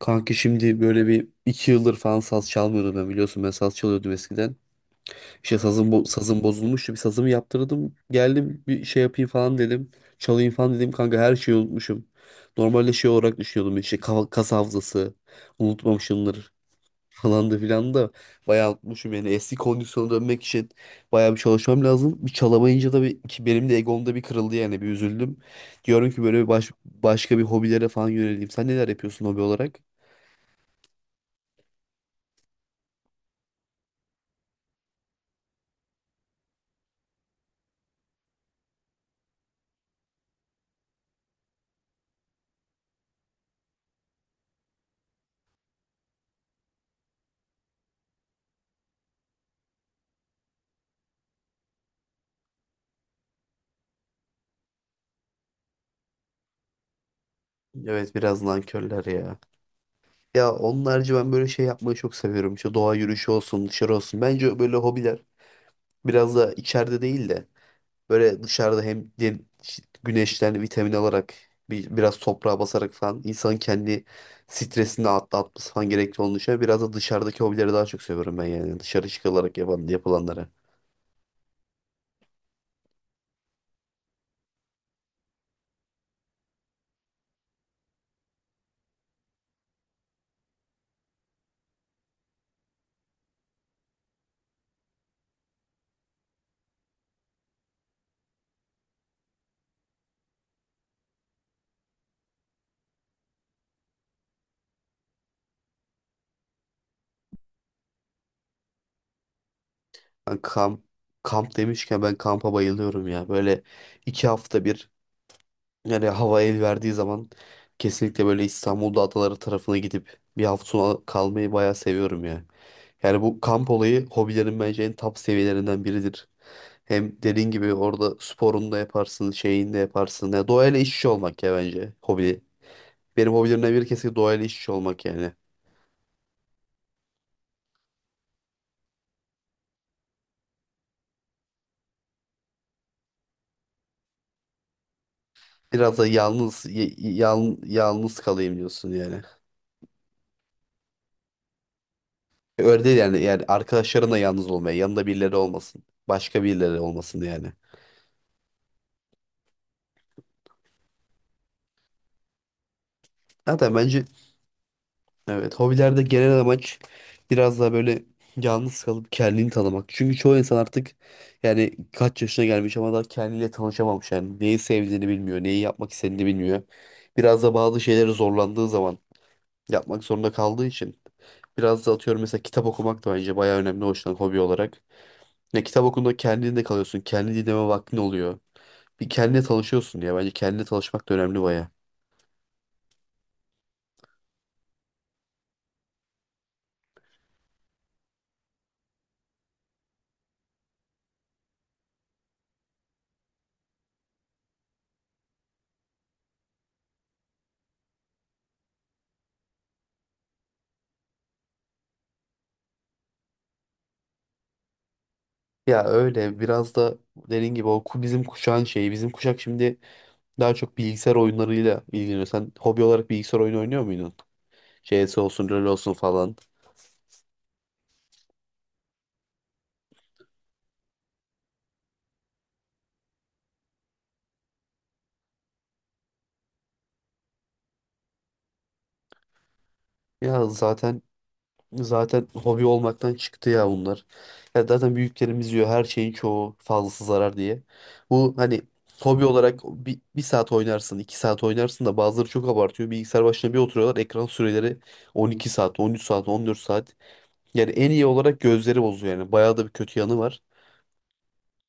Kanki şimdi böyle bir iki yıldır falan saz çalmıyordum ben, biliyorsun, ben saz çalıyordum eskiden. İşte sazım, sazım bozulmuştu, bir sazımı yaptırdım, geldim bir şey yapayım falan dedim. Çalayım falan dedim kanka, her şeyi unutmuşum. Normalde şey olarak düşünüyordum, işte kas hafızası unutmamışımdır falan da filan da, bayağı unutmuşum yani. Eski kondisyona dönmek için bayağı bir çalışmam lazım. Bir çalamayınca da bir, ki benim de egomda bir kırıldı yani, bir üzüldüm. Diyorum ki böyle bir başka bir hobilere falan yöneleyim. Sen neler yapıyorsun hobi olarak? Evet, biraz nankörler ya. Ya onun harici ben böyle şey yapmayı çok seviyorum. İşte doğa yürüyüşü olsun, dışarı olsun. Bence böyle hobiler biraz da içeride değil de böyle dışarıda, işte güneşten vitamin alarak, bir, biraz toprağa basarak falan insanın kendi stresini atlatması falan gerekli olduğunu düşünüyorum. Biraz da dışarıdaki hobileri daha çok seviyorum ben yani. Dışarı çıkılarak yapan, yapılanlara. Ben kamp, kamp demişken ben kampa bayılıyorum ya. Böyle 2 hafta bir, yani hava el verdiği zaman kesinlikle böyle İstanbul'da adaları tarafına gidip bir hafta sonu kalmayı bayağı seviyorum ya. Yani bu kamp olayı hobilerin bence en top seviyelerinden biridir. Hem dediğin gibi orada sporunu da yaparsın, şeyini de yaparsın. Ya doğayla iç içe olmak ya bence hobi. Benim hobilerimden biri kesinlikle doğayla iç içe olmak yani. Biraz da yalnız yalnız kalayım diyorsun yani. Öyle değil yani. Yani arkadaşlarınla yalnız olmaya, yanında birileri olmasın. Başka birileri olmasın yani. Zaten bence, evet, hobilerde genel amaç biraz daha böyle yalnız kalıp kendini tanımak. Çünkü çoğu insan artık, yani kaç yaşına gelmiş ama daha kendiyle tanışamamış. Yani neyi sevdiğini bilmiyor, neyi yapmak istediğini bilmiyor. Biraz da bazı şeyleri zorlandığı zaman yapmak zorunda kaldığı için, biraz da atıyorum mesela kitap okumak da bence bayağı önemli hoşlan yüzden hobi olarak. Ya kitap okunduğunda kendinde kalıyorsun, kendi dinleme vaktin oluyor. Bir kendine tanışıyorsun ya, bence kendine tanışmak da önemli bayağı. Ya öyle, biraz da dediğin gibi o bizim kuşağın şeyi, bizim kuşak şimdi daha çok bilgisayar oyunlarıyla ilgileniyorsun. Sen hobi olarak bilgisayar oyunu oynuyor muydun? CS olsun, LoL olsun falan. Ya zaten hobi olmaktan çıktı ya bunlar. Ya zaten büyüklerimiz diyor her şeyin çoğu fazlası zarar diye. Bu hani hobi olarak 1 saat oynarsın, 2 saat oynarsın da bazıları çok abartıyor. Bilgisayar başına bir oturuyorlar. Ekran süreleri 12 saat, 13 saat, 14 saat. Yani en iyi olarak gözleri bozuyor yani. Bayağı da bir kötü yanı var.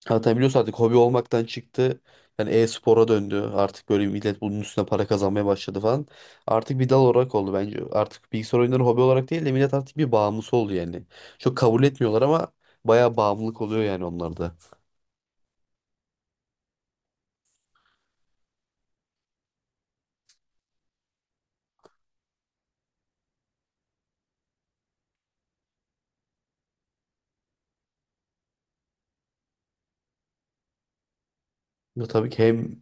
Hatta biliyorsun artık hobi olmaktan çıktı. Yani e-spora döndü. Artık böyle millet bunun üstüne para kazanmaya başladı falan. Artık bir dal olarak oldu bence. Artık bilgisayar oyunları hobi olarak değil de millet artık bir bağımlısı oldu yani. Çok kabul etmiyorlar ama bayağı bağımlılık oluyor yani onlarda. Bu tabii ki hem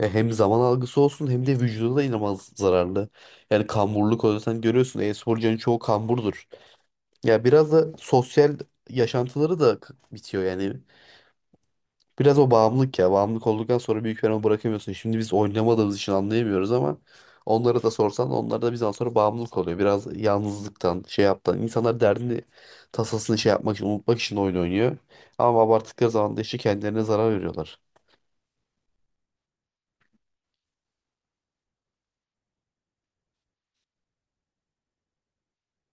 hem zaman algısı olsun, hem de vücuda da inanılmaz zararlı. Yani kamburluk oluyor. Sen görüyorsun, e-sporcuların çoğu kamburdur. Ya biraz da sosyal yaşantıları da bitiyor yani. Biraz o bağımlılık ya. Bağımlılık olduktan sonra büyük ihtimalle bırakamıyorsun. Şimdi biz oynamadığımız için anlayamıyoruz ama onlara da sorsan onlar da bizden sonra bağımlılık oluyor. Biraz yalnızlıktan, şey yaptan. İnsanlar derdini, tasasını şey yapmak için, unutmak için oyun oynuyor. Ama abarttıkları zaman da işte kendilerine zarar veriyorlar.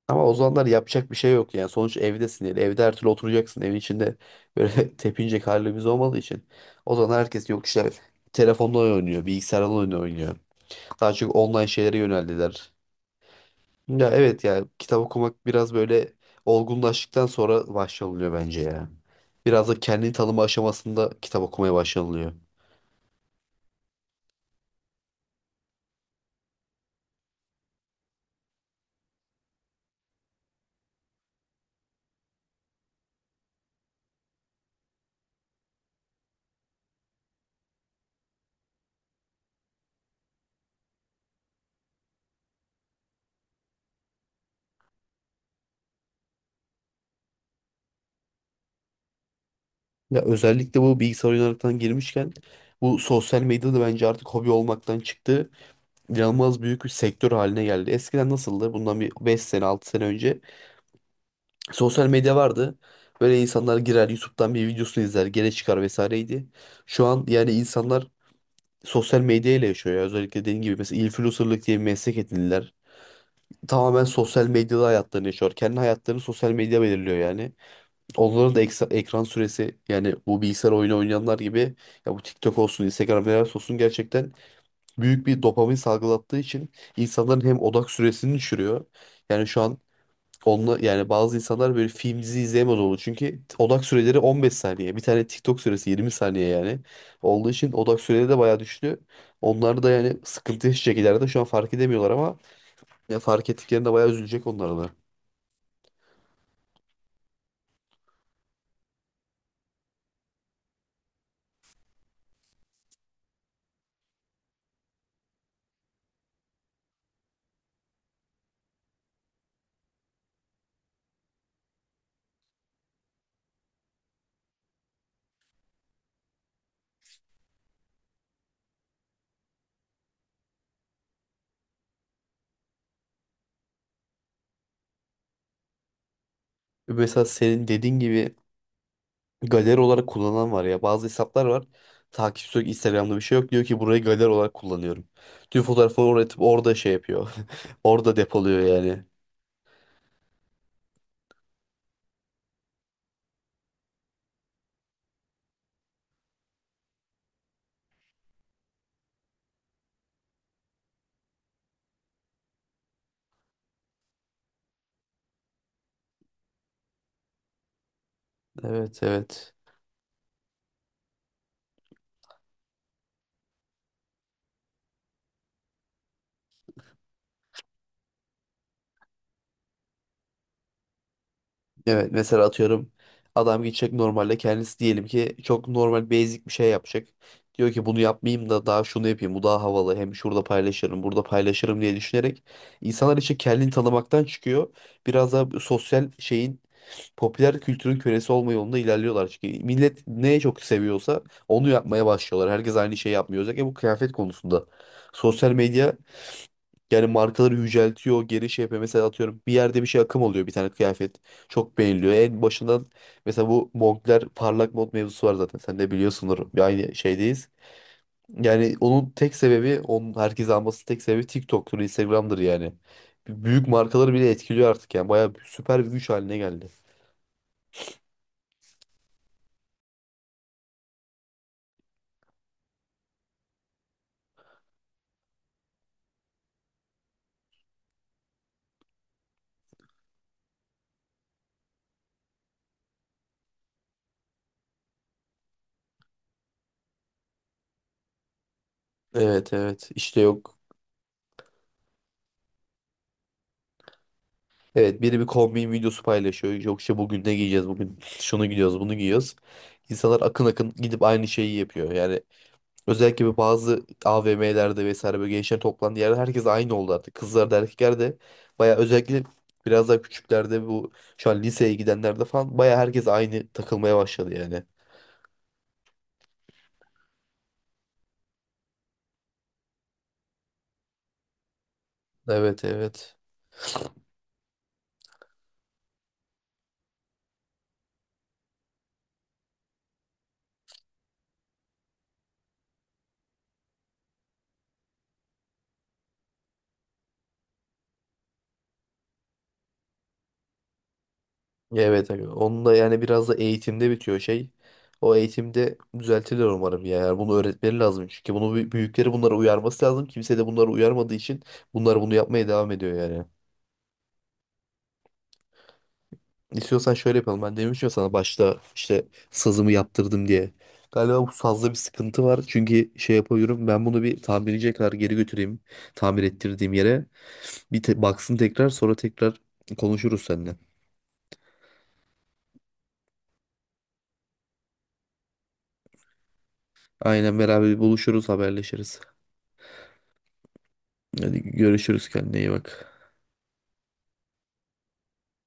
Ama o zamanlar yapacak bir şey yok yani. Sonuç evdesin yani. Evde her türlü oturacaksın. Evin içinde böyle tepinecek halimiz olmadığı için. O zaman herkes yok işte telefonla oynuyor, bilgisayarla oynuyor. Daha çok online şeylere yöneldiler. Ya evet, ya kitap okumak biraz böyle olgunlaştıktan sonra başlanılıyor bence ya. Biraz da kendini tanıma aşamasında kitap okumaya başlanılıyor. Ya özellikle bu bilgisayar oyunlarından girmişken bu sosyal medya da bence artık hobi olmaktan çıktı. İnanılmaz büyük bir sektör haline geldi. Eskiden nasıldı? Bundan bir 5 sene 6 sene önce sosyal medya vardı. Böyle insanlar girer, YouTube'dan bir videosunu izler, gene çıkar vesaireydi. Şu an yani insanlar sosyal medya ile yaşıyor ya. Özellikle dediğim gibi mesela influencerlık diye bir meslek edindiler. Tamamen sosyal medyada hayatlarını yaşıyor. Kendi hayatlarını sosyal medya belirliyor yani. Onların da ekran süresi yani, bu bilgisayar oyunu oynayanlar gibi ya, bu TikTok olsun, Instagram Reels olsun gerçekten büyük bir dopamin salgılattığı için insanların hem odak süresini düşürüyor. Yani şu an onunla, yani bazı insanlar böyle film dizi izleyemez oldu. Çünkü odak süreleri 15 saniye. Bir tane TikTok süresi 20 saniye yani. Olduğu için odak süreleri de bayağı düştü. Onlar da yani sıkıntı yaşayacak ileride. Şu an fark edemiyorlar ama ya fark ettiklerinde bayağı üzülecek onlara da. Mesela senin dediğin gibi, galeri olarak kullanan var ya. Bazı hesaplar var. Takipçisi yok, Instagram'da bir şey yok. Diyor ki burayı galeri olarak kullanıyorum. Tüm fotoğrafları oraya atıp orada şey yapıyor. Orada depoluyor yani. Evet, evet. Evet, mesela atıyorum adam gidecek, normalde kendisi diyelim ki çok normal basic bir şey yapacak. Diyor ki bunu yapmayayım da daha şunu yapayım, bu daha havalı, hem şurada paylaşırım burada paylaşırım diye düşünerek insanlar için kendini tanımaktan çıkıyor. Biraz daha sosyal şeyin, popüler kültürün kölesi olma yolunda ilerliyorlar. Çünkü millet neye çok seviyorsa onu yapmaya başlıyorlar. Herkes aynı şeyi yapmıyor. Özellikle bu kıyafet konusunda. Sosyal medya yani markaları yüceltiyor, geri şey yapıyor. Mesela atıyorum bir yerde bir şey akım oluyor, bir tane kıyafet. Çok beğeniliyor. En başından mesela bu Moncler parlak mod mevzusu var zaten. Sen de biliyorsundur. Bir aynı şeydeyiz. Yani onun tek sebebi, onun herkes alması tek sebebi TikTok'tur, Instagram'dır yani. Büyük markaları bile etkiliyor artık yani. Bayağı süper bir güç haline geldi. Evet evet işte, yok. Evet, biri bir kombin videosu paylaşıyor. Yok işte bugün ne giyeceğiz, bugün şunu giyiyoruz, bunu giyiyoruz. İnsanlar akın akın gidip aynı şeyi yapıyor. Yani özellikle bir bazı AVM'lerde vesaire, böyle gençler toplandığı yerde herkes aynı oldu artık. Kızlar da erkekler de baya, özellikle biraz daha küçüklerde, bu şu an liseye gidenlerde falan, baya herkes aynı takılmaya başladı yani. Evet evet. Evet abi. Onun da yani biraz da eğitimde bitiyor şey. O eğitimde düzeltilir umarım ya. Yani bunu öğretmeleri lazım, çünkü bunu büyükleri bunlara uyarması lazım. Kimse de bunları uyarmadığı için bunlar bunu yapmaya devam ediyor yani. İstiyorsan şöyle yapalım. Ben demiştim ya sana başta, işte sazımı yaptırdım diye. Galiba bu sazda bir sıkıntı var. Çünkü şey yapıyorum. Ben bunu bir tamirciye kadar geri götüreyim. Tamir ettirdiğim yere. Bir baksın, tekrar sonra tekrar konuşuruz seninle. Aynen, beraber buluşuruz, haberleşiriz. Hadi görüşürüz, kendine iyi bak.